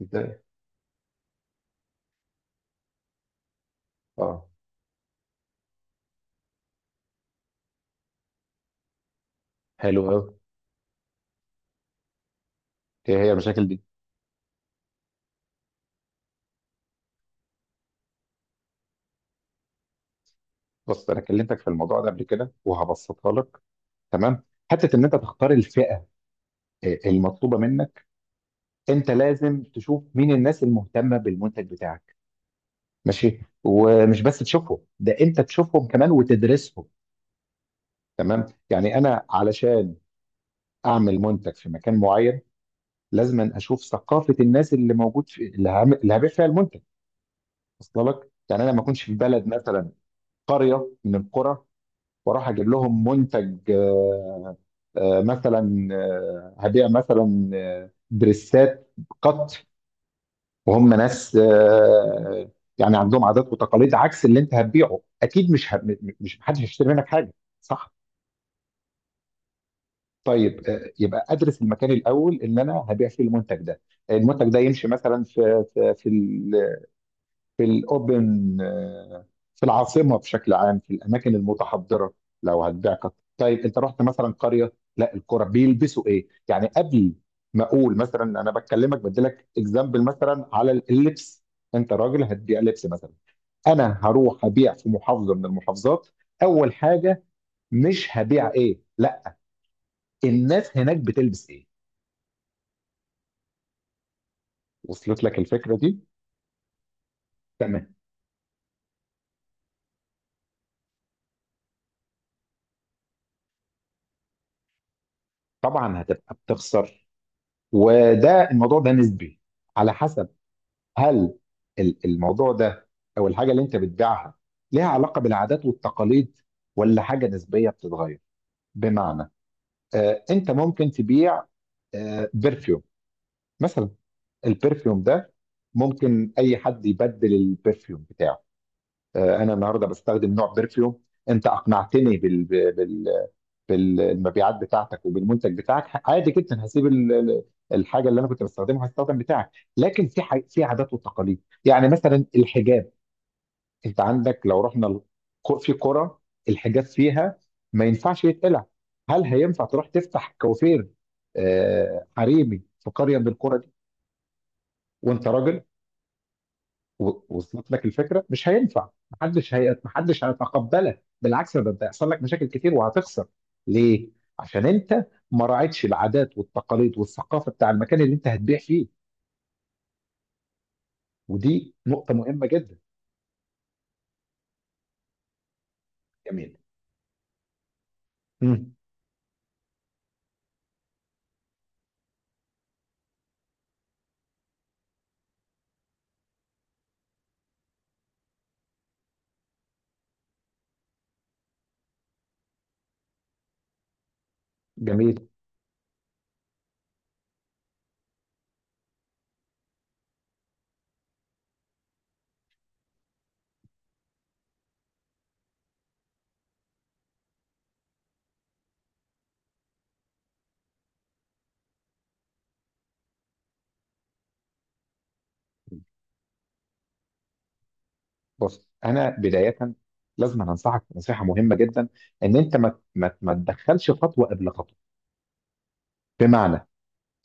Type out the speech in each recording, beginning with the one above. ازاي؟ اه، حلو قوي. هي المشاكل دي؟ بص، انا كلمتك في الموضوع ده قبل كده وهبسطها لك. تمام. حته ان انت تختار الفئه المطلوبه منك، انت لازم تشوف مين الناس المهتمه بالمنتج بتاعك. ماشي، ومش بس تشوفهم ده انت تشوفهم كمان وتدرسهم. تمام، يعني انا علشان اعمل منتج في مكان معين، لازم اشوف ثقافه الناس اللي موجود في اللي هبيع فيها المنتج. وصل لك؟ يعني انا ما اكونش في بلد مثلا، قريه من القرى، واروح اجيب لهم منتج، مثلا، هبيع مثلا دريسات قط، وهم ناس يعني عندهم عادات وتقاليد عكس اللي انت هتبيعه، اكيد مش، محدش هيشتري منك حاجه. صح؟ طيب، يبقى ادرس المكان الاول اللي انا هبيع فيه المنتج ده. المنتج ده يمشي مثلا في في الاوبن، في العاصمه بشكل عام، في الاماكن المتحضره. لو هتبيع قط، طيب انت رحت مثلا قريه لا القرى بيلبسوا ايه؟ يعني قبل ما اقول مثلا، انا بكلمك بديلك اكزامبل مثلا على اللبس. انت راجل هتبيع لبس مثلا، انا هروح ابيع في محافظه من المحافظات. اول حاجه، مش هبيع ايه؟ لا، الناس هناك بتلبس ايه؟ وصلت لك الفكره دي؟ تمام، طبعا هتبقى بتخسر. وده الموضوع ده نسبي، على حسب هل الموضوع ده او الحاجه اللي انت بتبيعها ليها علاقه بالعادات والتقاليد، ولا حاجه نسبيه بتتغير. بمعنى، انت ممكن تبيع برفيوم مثلا. البرفيوم ده ممكن اي حد يبدل البرفيوم بتاعه. انا النهارده بستخدم نوع برفيوم، انت اقنعتني بالمبيعات بتاعتك وبالمنتج بتاعك، عادي جدا هسيب الحاجه اللي انا كنت بستخدمها هستخدم بتاعك. لكن في في عادات وتقاليد يعني مثلا الحجاب. انت عندك لو رحنا في قرى الحجاب فيها ما ينفعش يتقلع. هل هينفع تروح تفتح كوافير حريمي في قريه من القرى دي وانت راجل؟ وصلت لك الفكره؟ مش هينفع، محدش هيتقبلك، بالعكس ده هيحصل لك مشاكل كتير وهتخسر. ليه؟ عشان انت ما راعيتش العادات والتقاليد والثقافه بتاع المكان اللي انت هتبيع فيه. ودي نقطه مهمه جدا. جميل. مم. جميل. بص، انا بدايه لازم أنا انصحك نصيحه مهمه جدا، ان انت ما تدخلش خطوه قبل خطوه. بمعنى،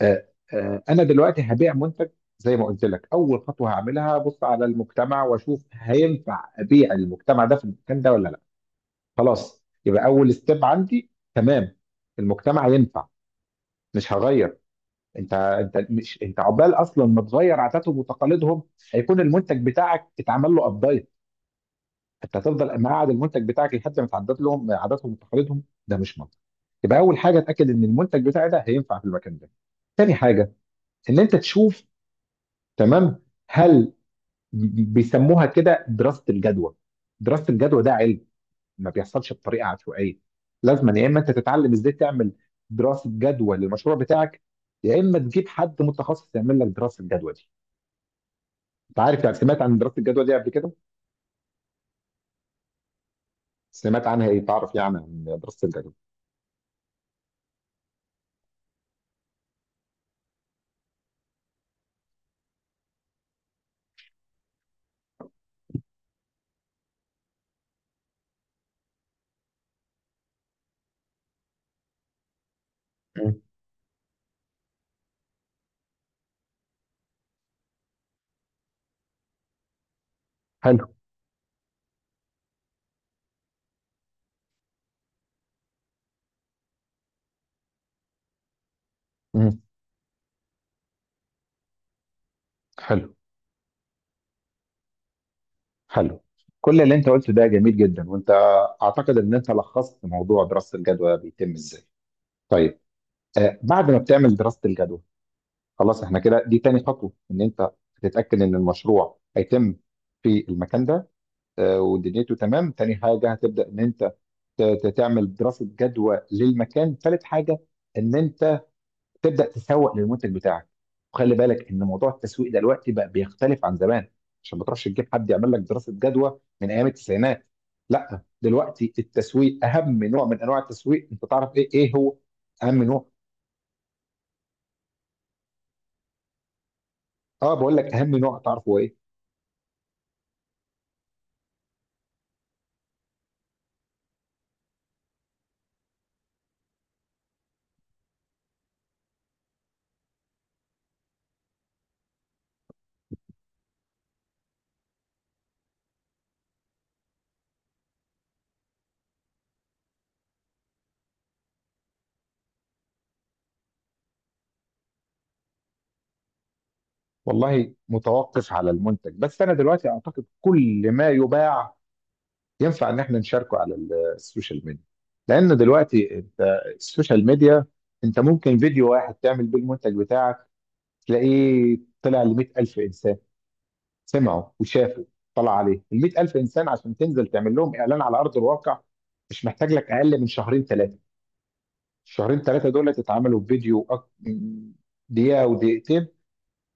آه، انا دلوقتي هبيع منتج، زي ما قلت لك اول خطوه هعملها، بص على المجتمع واشوف هينفع ابيع المجتمع ده في المكان ده ولا لا. خلاص، يبقى اول ستيب عندي تمام، المجتمع ينفع. مش هغير، انت عقبال اصلا ما تغير عاداتهم وتقاليدهم هيكون المنتج بتاعك اتعمل له، انت هتفضل مقعد المنتج بتاعك لحد ما تعدد لهم عاداتهم وتقاليدهم، ده مش منطق. يبقى اول حاجه اتاكد ان المنتج بتاعي ده هينفع في المكان ده. تاني حاجه، ان انت تشوف، تمام، هل بيسموها كده دراسه الجدوى. دراسه الجدوى ده علم، ما بيحصلش بطريقه عشوائيه. لازم يا اما انت تتعلم ازاي تعمل دراسه جدوى للمشروع بتاعك، يا اما تجيب حد متخصص يعمل لك دراسه الجدوى دي. انت عارف يعني، سمعت عن دراسه الجدوى دي قبل كده؟ سمعت عنها ايه تعرف يعني عن دراسه الجدوى؟ مم. حلو. حلو، حلو، كل اللي انت قلته ده جميل جدا، وانت اعتقد ان انت لخصت موضوع دراسة الجدوى بيتم ازاي. طيب، بعد ما بتعمل دراسة الجدوى، خلاص احنا كده دي تاني خطوة ان انت تتأكد ان المشروع هيتم في المكان ده ودنيته. تمام، تاني حاجة هتبدأ ان انت تعمل دراسة جدوى للمكان. تالت حاجة، ان انت تبدا تسوق للمنتج بتاعك. وخلي بالك ان موضوع التسويق دلوقتي بقى بيختلف عن زمان، عشان ما تروحش تجيب حد يعمل لك دراسه جدوى من ايام التسعينات. لا، دلوقتي التسويق، اهم نوع من انواع التسويق، انت تعرف ايه هو اهم نوع؟ اه، بقول لك اهم نوع تعرفه ايه؟ والله، متوقف على المنتج، بس انا دلوقتي اعتقد كل ما يباع ينفع ان احنا نشاركه على السوشيال ميديا. لان دلوقتي انت السوشيال ميديا انت ممكن فيديو واحد تعمل بيه المنتج بتاعك تلاقيه طلع ل 100,000 إنسان، سمعوا وشافوا. طلع عليه ال 100,000 إنسان، عشان تنزل تعمل لهم إعلان على أرض الواقع، مش محتاج لك أقل من شهرين ثلاثة. الشهرين ثلاثة دول تتعاملوا دقيقة ودقيقتين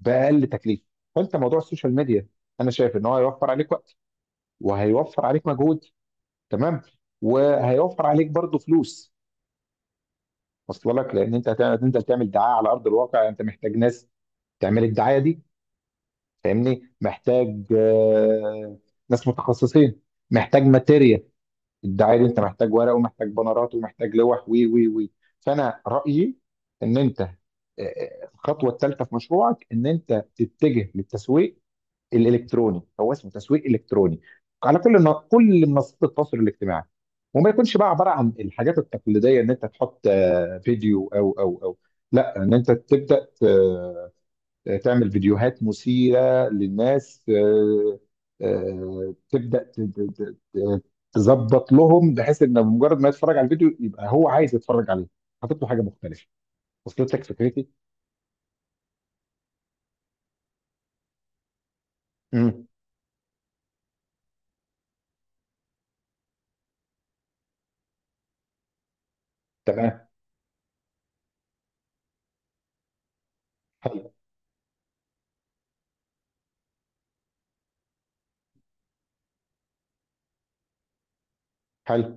بأقل تكليف. فأنت موضوع السوشيال ميديا أنا شايف إن هو هيوفر عليك وقت، وهيوفر عليك مجهود، تمام، وهيوفر عليك برضه فلوس. وصل لك؟ لأن أنت هتنزل تعمل دعاية على أرض الواقع، أنت محتاج ناس تعمل الدعايه دي، فاهمني؟ محتاج ناس متخصصين، محتاج ماتيريال. الدعايه دي انت محتاج ورق، ومحتاج بنرات، ومحتاج لوح، وي وي وي فانا رايي ان انت، الخطوه الثالثه في مشروعك ان انت تتجه للتسويق الالكتروني، هو اسمه تسويق الكتروني، على كل منصات التواصل الاجتماعي. وما يكونش بقى عباره عن الحاجات التقليديه ان انت تحط فيديو او او او لا، ان انت تبدا تعمل فيديوهات مثيرة للناس، تبدأ تظبط لهم بحيث ان مجرد ما يتفرج على الفيديو يبقى هو عايز يتفرج عليه، حاطط له حاجة مختلفة. وصلت لك فكرتي؟ امم تمام. حلو، حلو.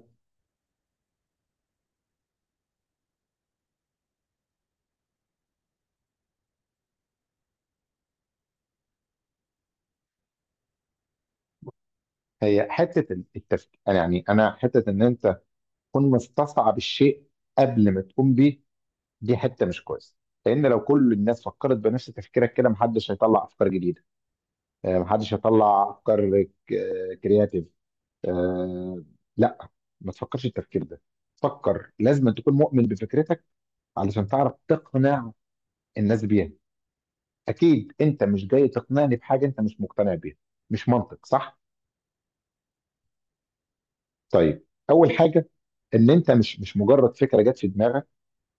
هي حتة التفكير، أنا يعني انا حتة ان انت تكون مستصعب الشيء قبل ما تقوم بيه، دي حتة مش كويسة. لان لو كل الناس فكرت بنفس تفكيرك كده، محدش هيطلع افكار جديدة، محدش هيطلع افكار كرياتيف. آه، لا، ما تفكرش التفكير ده. فكر، لازم تكون مؤمن بفكرتك علشان تعرف تقنع الناس بيها. اكيد انت مش جاي تقنعني بحاجه انت مش مقتنع بيها، مش منطق، صح؟ طيب، اول حاجه، ان انت مش مجرد فكره جت في دماغك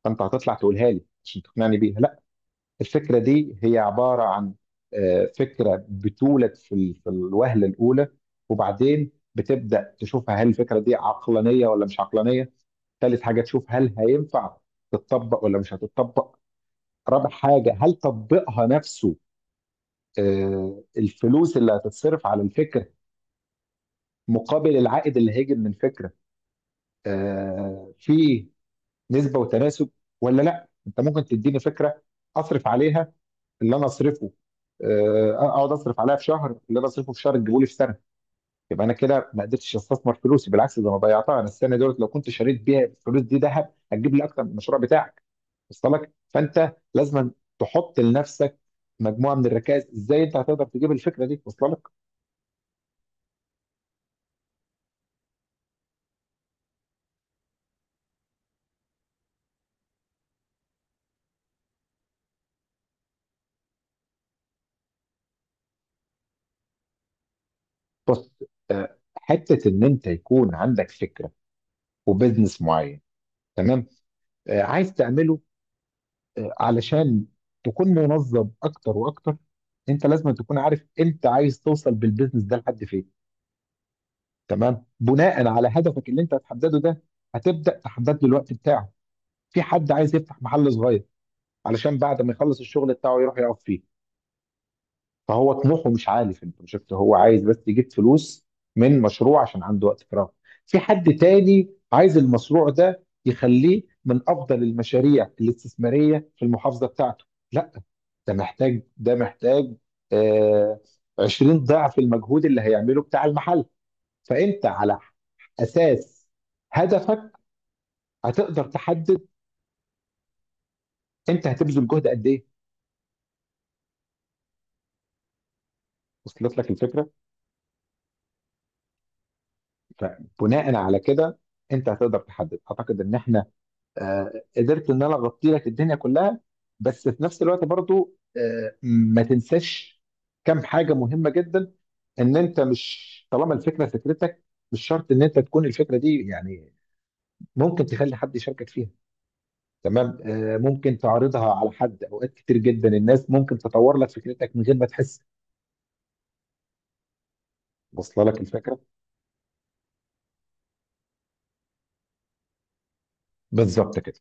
فانت هتطلع تقولها لي عشان تقنعني بيها، لا. الفكره دي هي عباره عن فكره بتولد في في الوهله الاولى، وبعدين بتبدا تشوفها هل الفكره دي عقلانيه ولا مش عقلانيه. ثالث حاجة تشوف هل هينفع تتطبق ولا مش هتتطبق. رابع حاجة، هل تطبيقها نفسه، الفلوس اللي هتتصرف على الفكرة مقابل العائد اللي هيجي من الفكرة، في نسبة وتناسب ولا لا؟ انت ممكن تديني فكرة اصرف عليها اللي انا اصرفه، اقعد اصرف عليها في شهر اللي انا اصرفه في شهر تجيبه لي في سنة، يبقى انا كده ما قدرتش استثمر فلوسي، بالعكس ده انا ضيعتها. انا السنه دولت لو كنت شريت بيها الفلوس دي ذهب هتجيب لي اكتر من المشروع بتاعك. وصل لك؟ فانت لازم تحط لنفسك مجموعه من الركائز ازاي انت هتقدر تجيب الفكره دي. وصل لك؟ بص، حته ان انت يكون عندك فكره وبزنس معين، تمام، عايز تعمله، علشان تكون منظم اكتر واكتر، انت لازم تكون عارف انت عايز توصل بالبزنس ده لحد فين. تمام، بناء على هدفك اللي انت هتحدده ده هتبدا تحدد له الوقت بتاعه. في حد عايز يفتح محل صغير علشان بعد ما يخلص الشغل بتاعه يروح يقف فيه، فهو طموحه مش عالي في البروجكت، هو عايز بس يجيب فلوس من مشروع عشان عنده وقت فراغ. في حد تاني عايز المشروع ده يخليه من افضل المشاريع الاستثماريه في المحافظه بتاعته، لا، ده محتاج، ده محتاج آه 20 ضعف المجهود اللي هيعمله بتاع المحل. فانت على اساس هدفك هتقدر تحدد انت هتبذل جهد قد ايه. وصلت لك الفكره؟ فبناء على كده انت هتقدر تحدد. اعتقد ان احنا قدرت ان انا اغطي لك الدنيا كلها، بس في نفس الوقت برضو ما تنساش كم حاجه مهمه جدا. ان انت مش طالما الفكره فكرتك مش شرط ان انت تكون الفكره دي يعني، ممكن تخلي حد يشاركك فيها، تمام، ممكن تعرضها على حد، اوقات كتير جدا الناس ممكن تطور لك فكرتك من غير ما تحس. وصل لك الفكره؟ بالظبط كده.